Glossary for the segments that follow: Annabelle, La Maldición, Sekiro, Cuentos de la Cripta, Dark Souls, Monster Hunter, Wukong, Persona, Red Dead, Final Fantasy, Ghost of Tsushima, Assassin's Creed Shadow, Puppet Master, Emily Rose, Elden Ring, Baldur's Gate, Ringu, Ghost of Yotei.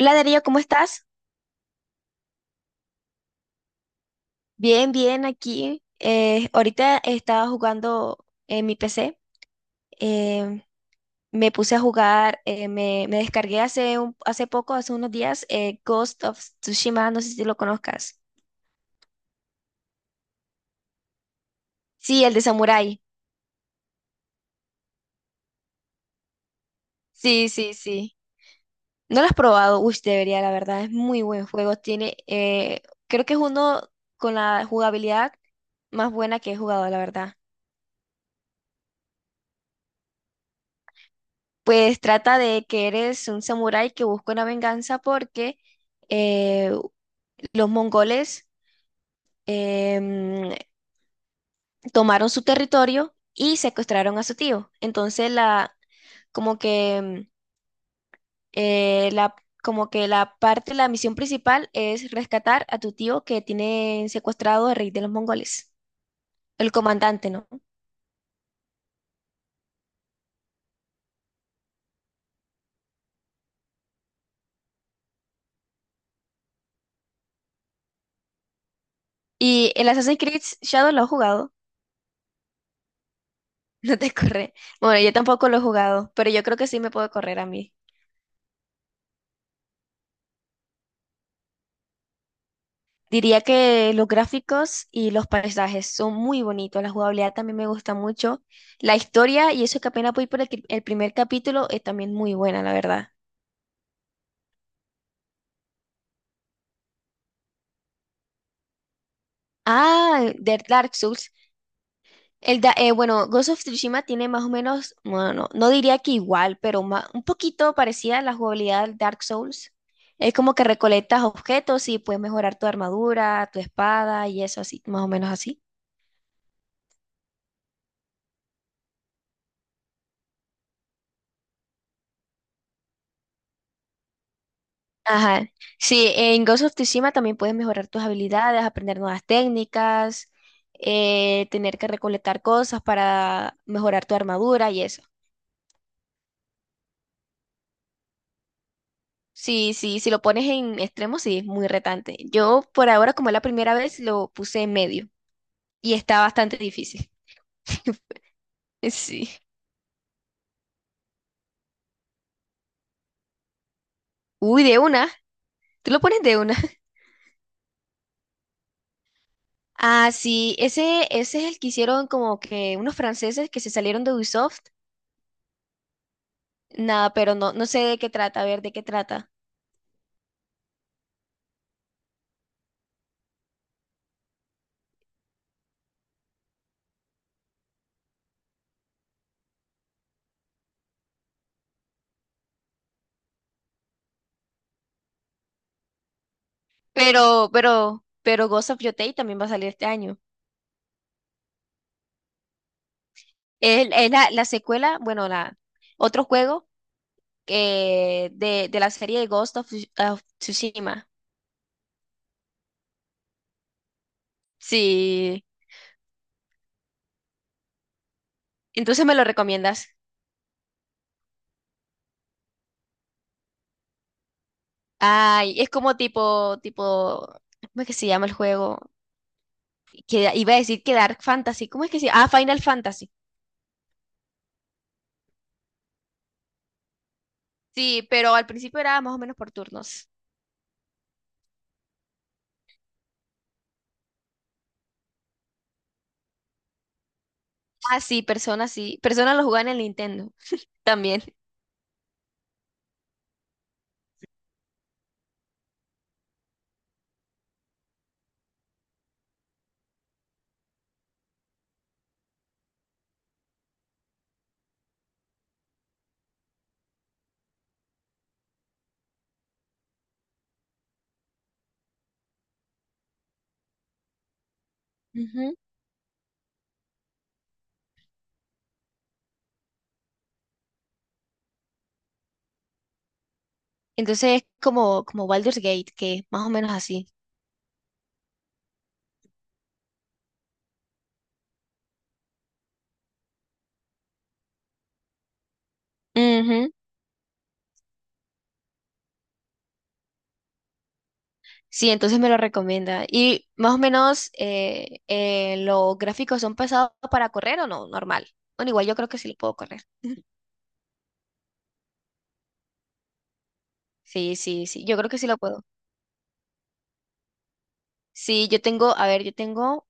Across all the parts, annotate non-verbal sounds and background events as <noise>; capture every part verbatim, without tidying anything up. Hola Darío, ¿cómo estás? Bien, bien, aquí. Eh, ahorita estaba jugando en mi P C. eh, Me puse a jugar, eh, me, me descargué hace, un- hace poco, hace unos días, eh, Ghost of Tsushima, no sé si lo conozcas. Sí, el de Samurai. Sí, sí, sí. ¿No lo has probado? Uy, debería, la verdad, es muy buen juego. Tiene, eh, creo que es uno con la jugabilidad más buena que he jugado, la verdad. Pues trata de que eres un samurái que busca una venganza porque eh, los mongoles em, tomaron su territorio y secuestraron a su tío. Entonces la como que em, eh, la como que la parte, la misión principal es rescatar a tu tío que tiene secuestrado al rey de los mongoles, el comandante, ¿no? Y el Assassin's Creed Shadow lo he jugado, <laughs> no te corre. Bueno, yo tampoco lo he jugado, pero yo creo que sí me puedo correr a mí. Diría que los gráficos y los paisajes son muy bonitos, la jugabilidad también me gusta mucho, la historia y eso que apenas voy por el, que- el primer capítulo es también muy buena, la verdad. Ah, de Dark Souls. El da- eh, bueno, Ghost of Tsushima tiene más o menos, bueno, no diría que igual, pero ma- un poquito parecida a la jugabilidad del Dark Souls. Es como que recolectas objetos y puedes mejorar tu armadura, tu espada y eso así, más o menos así. Ajá. Sí, en Ghost of Tsushima también puedes mejorar tus habilidades, aprender nuevas técnicas, eh, tener que recolectar cosas para mejorar tu armadura y eso. Sí, sí, si lo pones en extremo, sí, es muy retante. Yo por ahora, como es la primera vez, lo puse en medio y está bastante difícil. <laughs> Sí. Uy, de una. Tú lo pones de una. <laughs> Ah, sí, ese, ese es el que hicieron como que unos franceses que se salieron de Ubisoft. Nada, pero no, no, sé de qué trata, a ver de qué trata. Pero, pero, pero Ghost of Yotei también va a salir este año. Es, es la, la secuela, bueno, la otro juego que de, de la serie de Ghost of, Tsu- of Tsushima. Sí. Entonces me lo recomiendas. Ay, es como tipo, tipo, ¿cómo es que se llama el juego? Que iba a decir que Dark Fantasy. ¿Cómo es que se llama? Ah, Final Fantasy. Sí, pero al principio era más o menos por turnos. Ah, sí, Persona sí. Persona lo jugaba en el Nintendo también. Ujú. Entonces es como, como Baldur's Gate, que es más o menos así. Ujú. Sí, entonces me lo recomienda. Y más o menos eh, eh, los gráficos son pesados para correr o no, normal. Bueno, igual yo creo que sí lo puedo correr. <laughs> Sí, sí, sí, yo creo que sí lo puedo. Sí, yo tengo, a ver, yo tengo,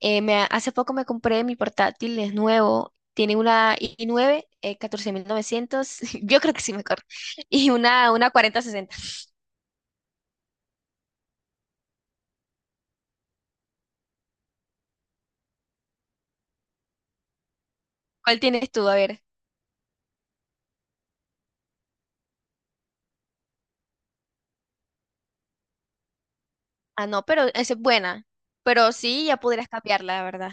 eh, me, hace poco me compré mi portátil, es nuevo, tiene una i nueve, eh, catorce mil novecientos. <laughs> Yo creo que sí me corre, y una, una cuarenta sesenta. ¿Cuál tienes tú? A ver. Ah, no, pero esa es buena. Pero sí, ya podrías cambiarla, la verdad.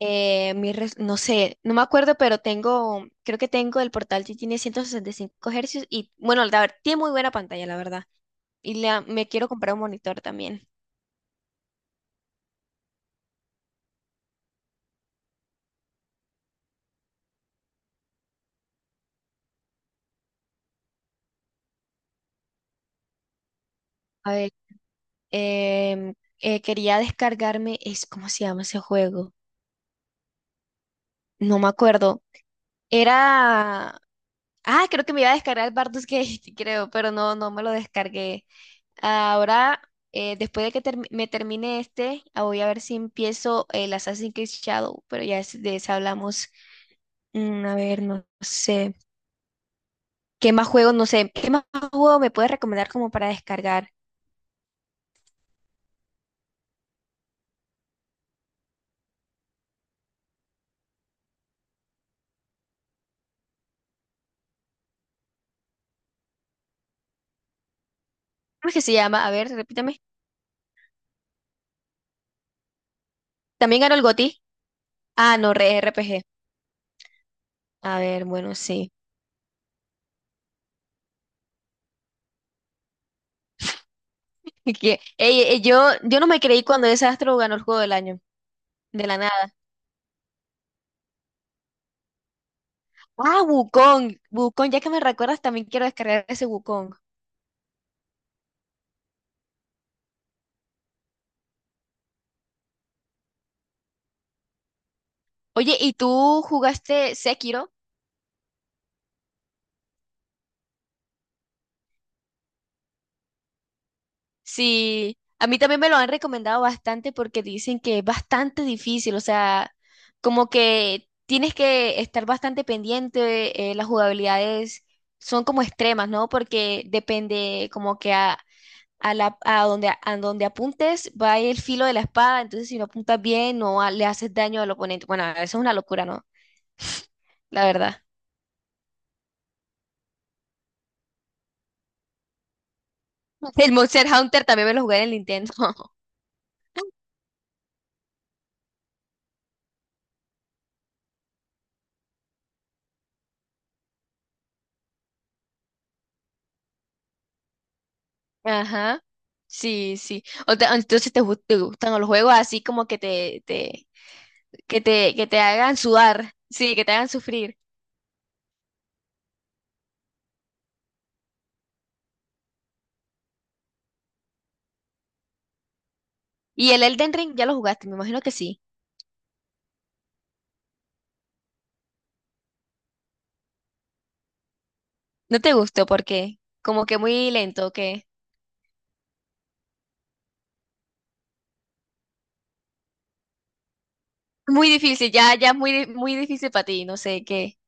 Eh, mi res- no sé, no me acuerdo, pero tengo, creo que tengo el portal que tiene ciento sesenta y cinco Hz y bueno, la ver- tiene muy buena pantalla, la verdad. Y la, me quiero comprar un monitor también. A ver, em, eh, quería descargarme, es, ¿cómo se llama ese juego? No me acuerdo. Era Ah, creo que me iba a descargar el Bardus Gate, <laughs> creo, pero no, no me lo descargué. Ahora, eh, después de que termi- me termine este, ah, voy a ver si empiezo el Assassin's Creed Shadow, pero ya es- de eso hablamos. Mm, a ver, no sé. ¿Qué más juego? No sé. ¿Qué más juego me puedes recomendar como para descargar? ¿Cómo es que se llama? A ver, repítame. ¿También ganó el GOTY? Ah, no, re- R P G. A ver, bueno, sí. <laughs> Que- Ey, ey, yo, yo no me creí cuando ese astro ganó el juego del año. De la Ah, Wukong. Wukong, ya que me recuerdas, también quiero descargar ese Wukong. Oye, ¿y tú jugaste Sekiro? Sí, a mí también me lo han recomendado bastante porque dicen que es bastante difícil, o sea, como que tienes que estar bastante pendiente, eh, las jugabilidades son como extremas, ¿no? Porque depende como que a, a la, a donde, a donde apuntes va el filo de la espada, entonces si no apuntas bien no a- le haces daño al oponente. Bueno, eso es una locura, ¿no? <laughs> La verdad. El Monster Hunter también me lo jugué en el Nintendo. <laughs> Ajá. Sí, sí. O te- entonces te, gu- te gustan los juegos así como que te, te, que te, que te hagan sudar. Sí, que te hagan sufrir. Y el Elden Ring ya lo jugaste, me imagino que sí. No te gustó porque como que muy lento, que muy difícil, ya, ya muy, di- muy difícil para ti, no sé qué.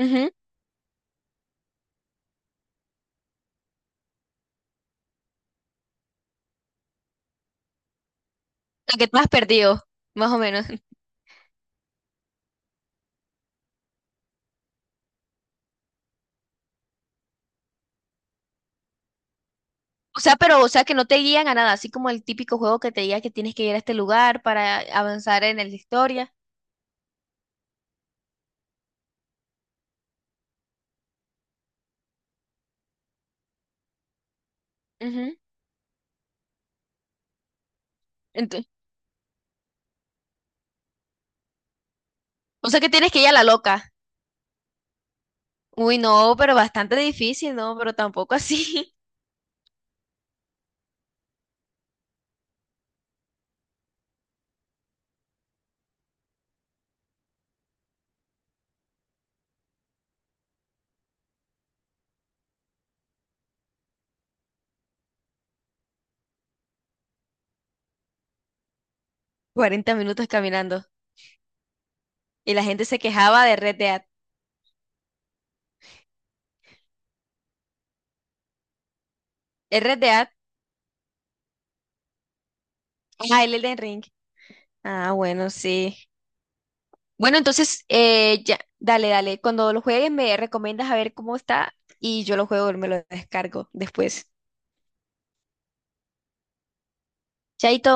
Ujú. Lo que tú has perdido, más o menos. <laughs> O sea, pero, o sea, que no te guían a nada, así como el típico juego que te diga que tienes que ir a este lugar para avanzar en la historia. Ujú. Ento- O sea que tienes que ir a la loca. Uy, no, pero bastante difícil, ¿no? Pero tampoco así. <laughs> Cuarenta minutos caminando. Y la gente se quejaba de Red Dead. ¿El Red Dead? Ah, el Elden Ring. Ah, bueno, sí. Bueno, entonces, eh, ya, dale, dale. Cuando lo juegues me recomiendas a ver cómo está y yo lo juego y me lo descargo después. Chaito.